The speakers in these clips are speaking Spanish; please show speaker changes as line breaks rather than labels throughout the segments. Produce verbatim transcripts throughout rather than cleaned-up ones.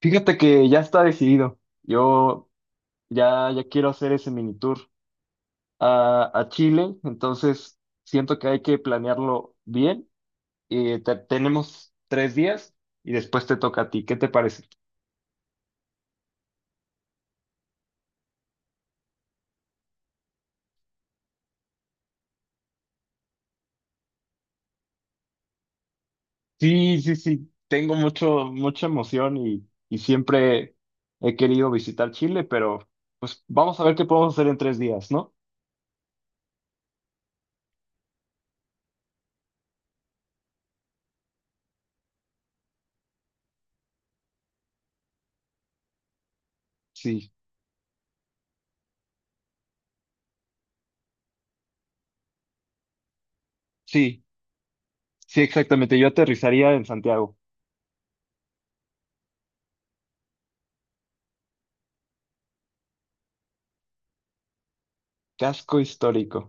Fíjate que ya está decidido. Yo ya, ya quiero hacer ese mini tour a, a Chile, entonces siento que hay que planearlo bien. Eh, te- tenemos tres días y después te toca a ti. ¿Qué te parece? Sí, sí, sí. Tengo mucho, mucha emoción y, y siempre he querido visitar Chile, pero pues vamos a ver qué podemos hacer en tres días, ¿no? Sí, sí, sí, exactamente. Yo aterrizaría en Santiago. Casco histórico.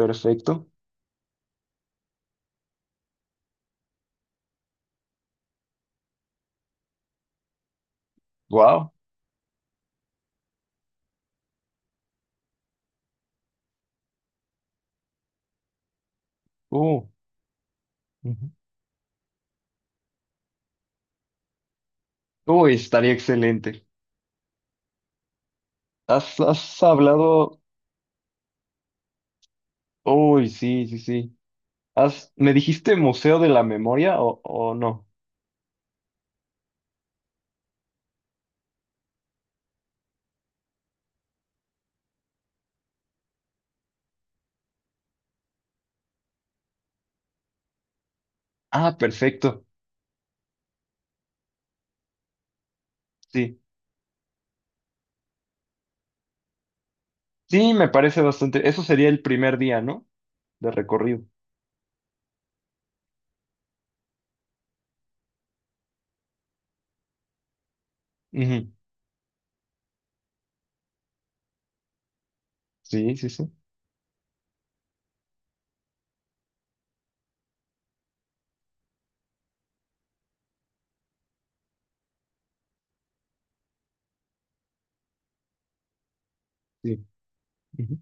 Perfecto. Wow. Ujú. Uy, estaría excelente. Has, has hablado. Uy, sí, sí, sí. Has... ¿Me dijiste Museo de la Memoria o, o no? Ah, perfecto. Sí. Sí, me parece bastante. Eso sería el primer día, ¿no? De recorrido. Ujú. Sí, sí, sí. Sí. Ujú.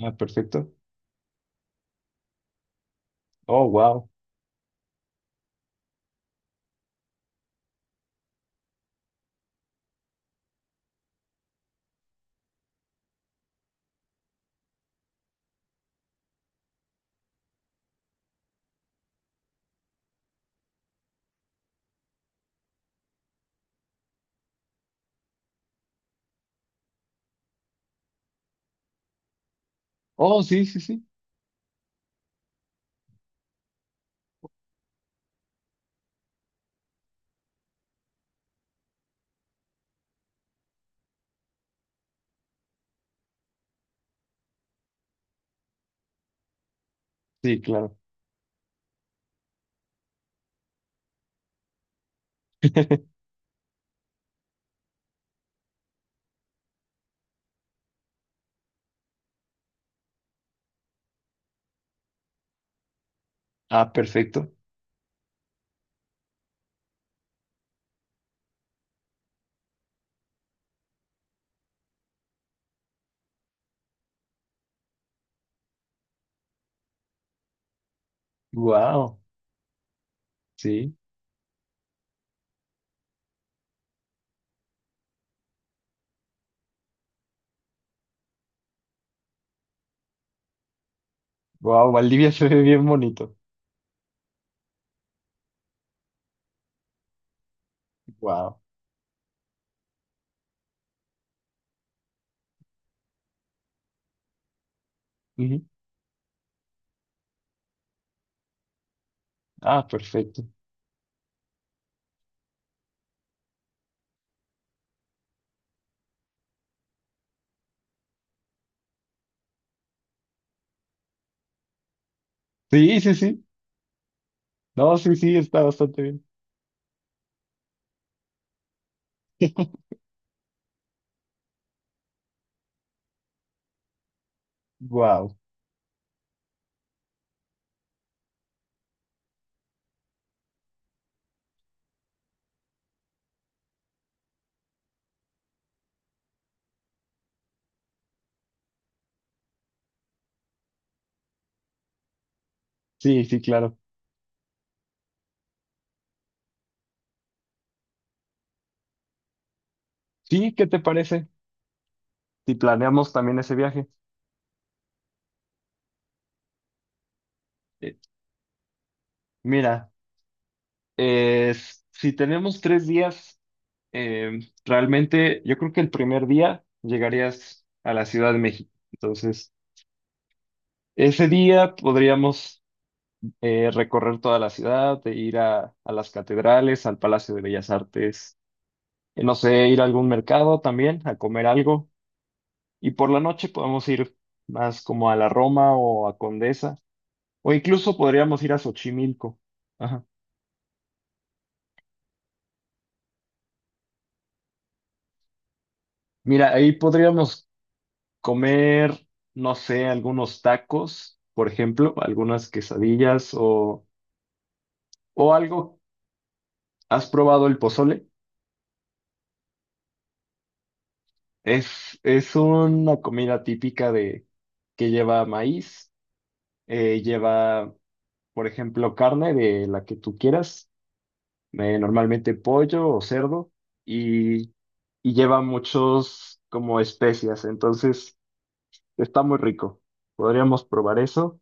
Ah, perfecto. Oh, wow. Oh, sí, sí, sí. Sí, claro. Ah, perfecto. Wow. Sí. Wow, Valdivia se ve bien bonito. Wow. Ujú. Ah, perfecto. Sí, sí, sí. No, sí, sí, está bastante bien. Wow. Sí, sí, claro. Sí, ¿qué te parece si planeamos también ese viaje? Eh, mira, eh, s- si tenemos tres días, eh, realmente yo creo que el primer día llegarías a la Ciudad de México. Entonces, ese día podríamos eh, recorrer toda la ciudad, e ir a, a las catedrales, al Palacio de Bellas Artes, eh, no sé, ir a algún mercado también, a comer algo. Y por la noche podemos ir más como a la Roma o a Condesa, o incluso podríamos ir a Xochimilco. Ajá. Mira, ahí podríamos comer, no sé, algunos tacos, por ejemplo, algunas quesadillas o, o algo. ¿Has probado el pozole? Es, es una comida típica de que lleva maíz, eh, lleva, por ejemplo, carne de la que tú quieras, eh, normalmente pollo o cerdo, y, y lleva muchos como especias, entonces está muy rico. Podríamos probar eso.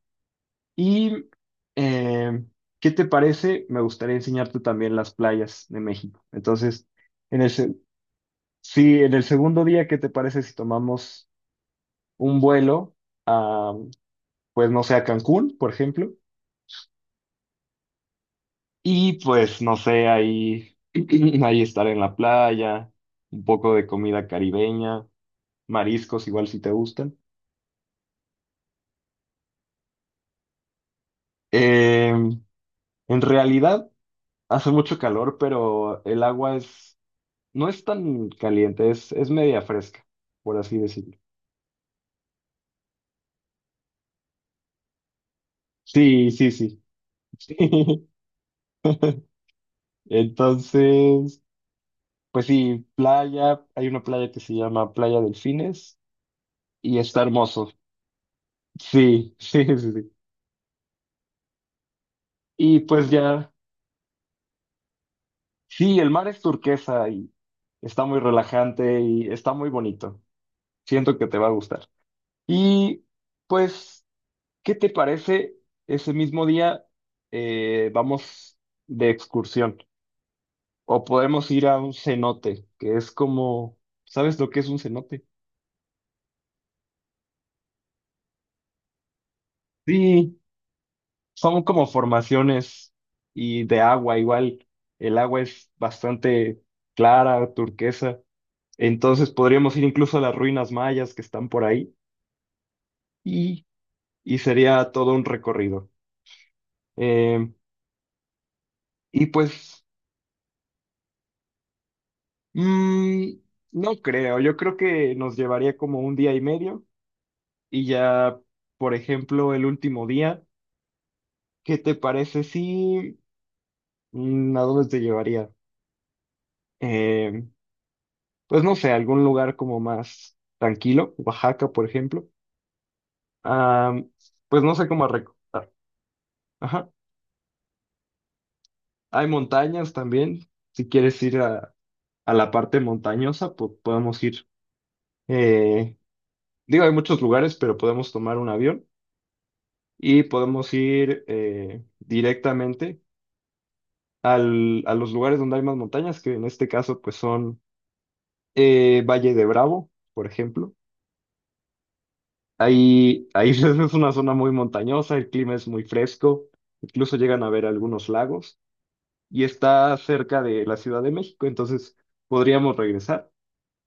Y, eh, ¿qué te parece? Me gustaría enseñarte también las playas de México. Entonces, en el, se- sí, en el segundo día, ¿qué te parece si tomamos un vuelo a, pues no sé, a Cancún, por ejemplo? Y pues no sé, ahí, ahí estar en la playa, un poco de comida caribeña. Mariscos igual si te gustan. Em, en realidad hace mucho calor, pero el agua es, no es tan caliente, es, es media fresca, por así decirlo. Sí, sí, sí. Entonces, pues sí, playa, hay una playa que se llama Playa Delfines y está hermoso. Sí, sí, sí, sí. Y pues ya, sí, el mar es turquesa y está muy relajante y está muy bonito. Siento que te va a gustar. Y pues, ¿qué te parece? Ese mismo día eh, vamos de excursión o podemos ir a un cenote, que es como, ¿sabes lo que es un cenote? Sí, son como formaciones y de agua, igual el agua es bastante clara, turquesa, entonces podríamos ir incluso a las ruinas mayas que están por ahí, y, y sería todo un recorrido. Em, y pues Mm, no creo, yo creo que nos llevaría como un día y medio y ya, por ejemplo, el último día, ¿qué te parece si mm, a dónde te llevaría? Eh, pues no sé, algún lugar como más tranquilo, Oaxaca, por ejemplo. Ah, pues no sé cómo recordar. Ajá. Hay montañas también, si quieres ir a, a la parte montañosa, pues podemos ir. Eh, digo, hay muchos lugares, pero podemos tomar un avión. Y podemos ir, eh, directamente al- a los lugares donde hay más montañas, que en este caso pues son, eh, Valle de Bravo, por ejemplo. Ahí, ahí es una zona muy montañosa, el clima es muy fresco, incluso llegan a ver algunos lagos y está cerca de la Ciudad de México, entonces podríamos regresar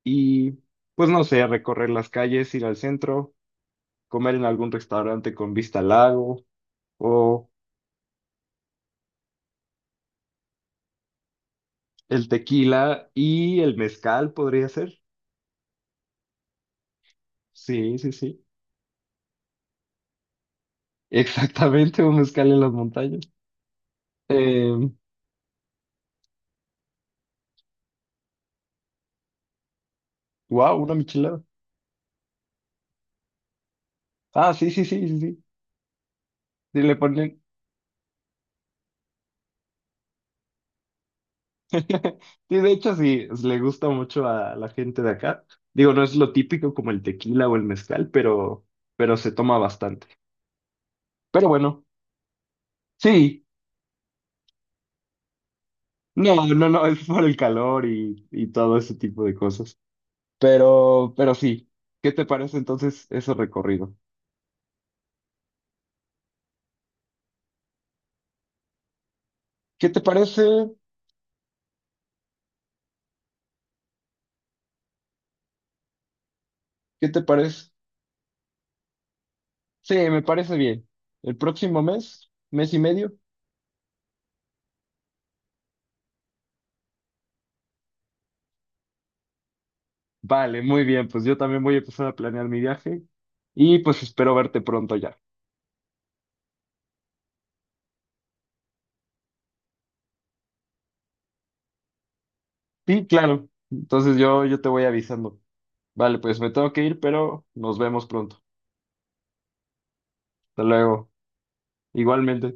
y pues no sé, recorrer las calles, ir al centro, comer en algún restaurante con vista al lago o el tequila y el mezcal podría ser. Sí, sí, sí. Exactamente, un mezcal en las montañas. Eh, wow, una michelada. Ah, sí, sí, sí, sí, sí. Sí, le ponen. Sí, de hecho, sí, le gusta mucho a la gente de acá. Digo, no es lo típico como el tequila o el mezcal, pero, pero se toma bastante. Pero bueno, sí. No, no, no, es por el calor y, y todo ese tipo de cosas. Pero, pero sí. ¿Qué te parece entonces ese recorrido? ¿Qué te parece? ¿Qué te parece? Sí, me parece bien. El próximo mes, mes y medio. Vale, muy bien, pues yo también voy a empezar a planear mi viaje y pues espero verte pronto ya. Sí, claro. Entonces yo, yo te voy avisando. Vale, pues me tengo que ir, pero nos vemos pronto. Hasta luego. Igualmente.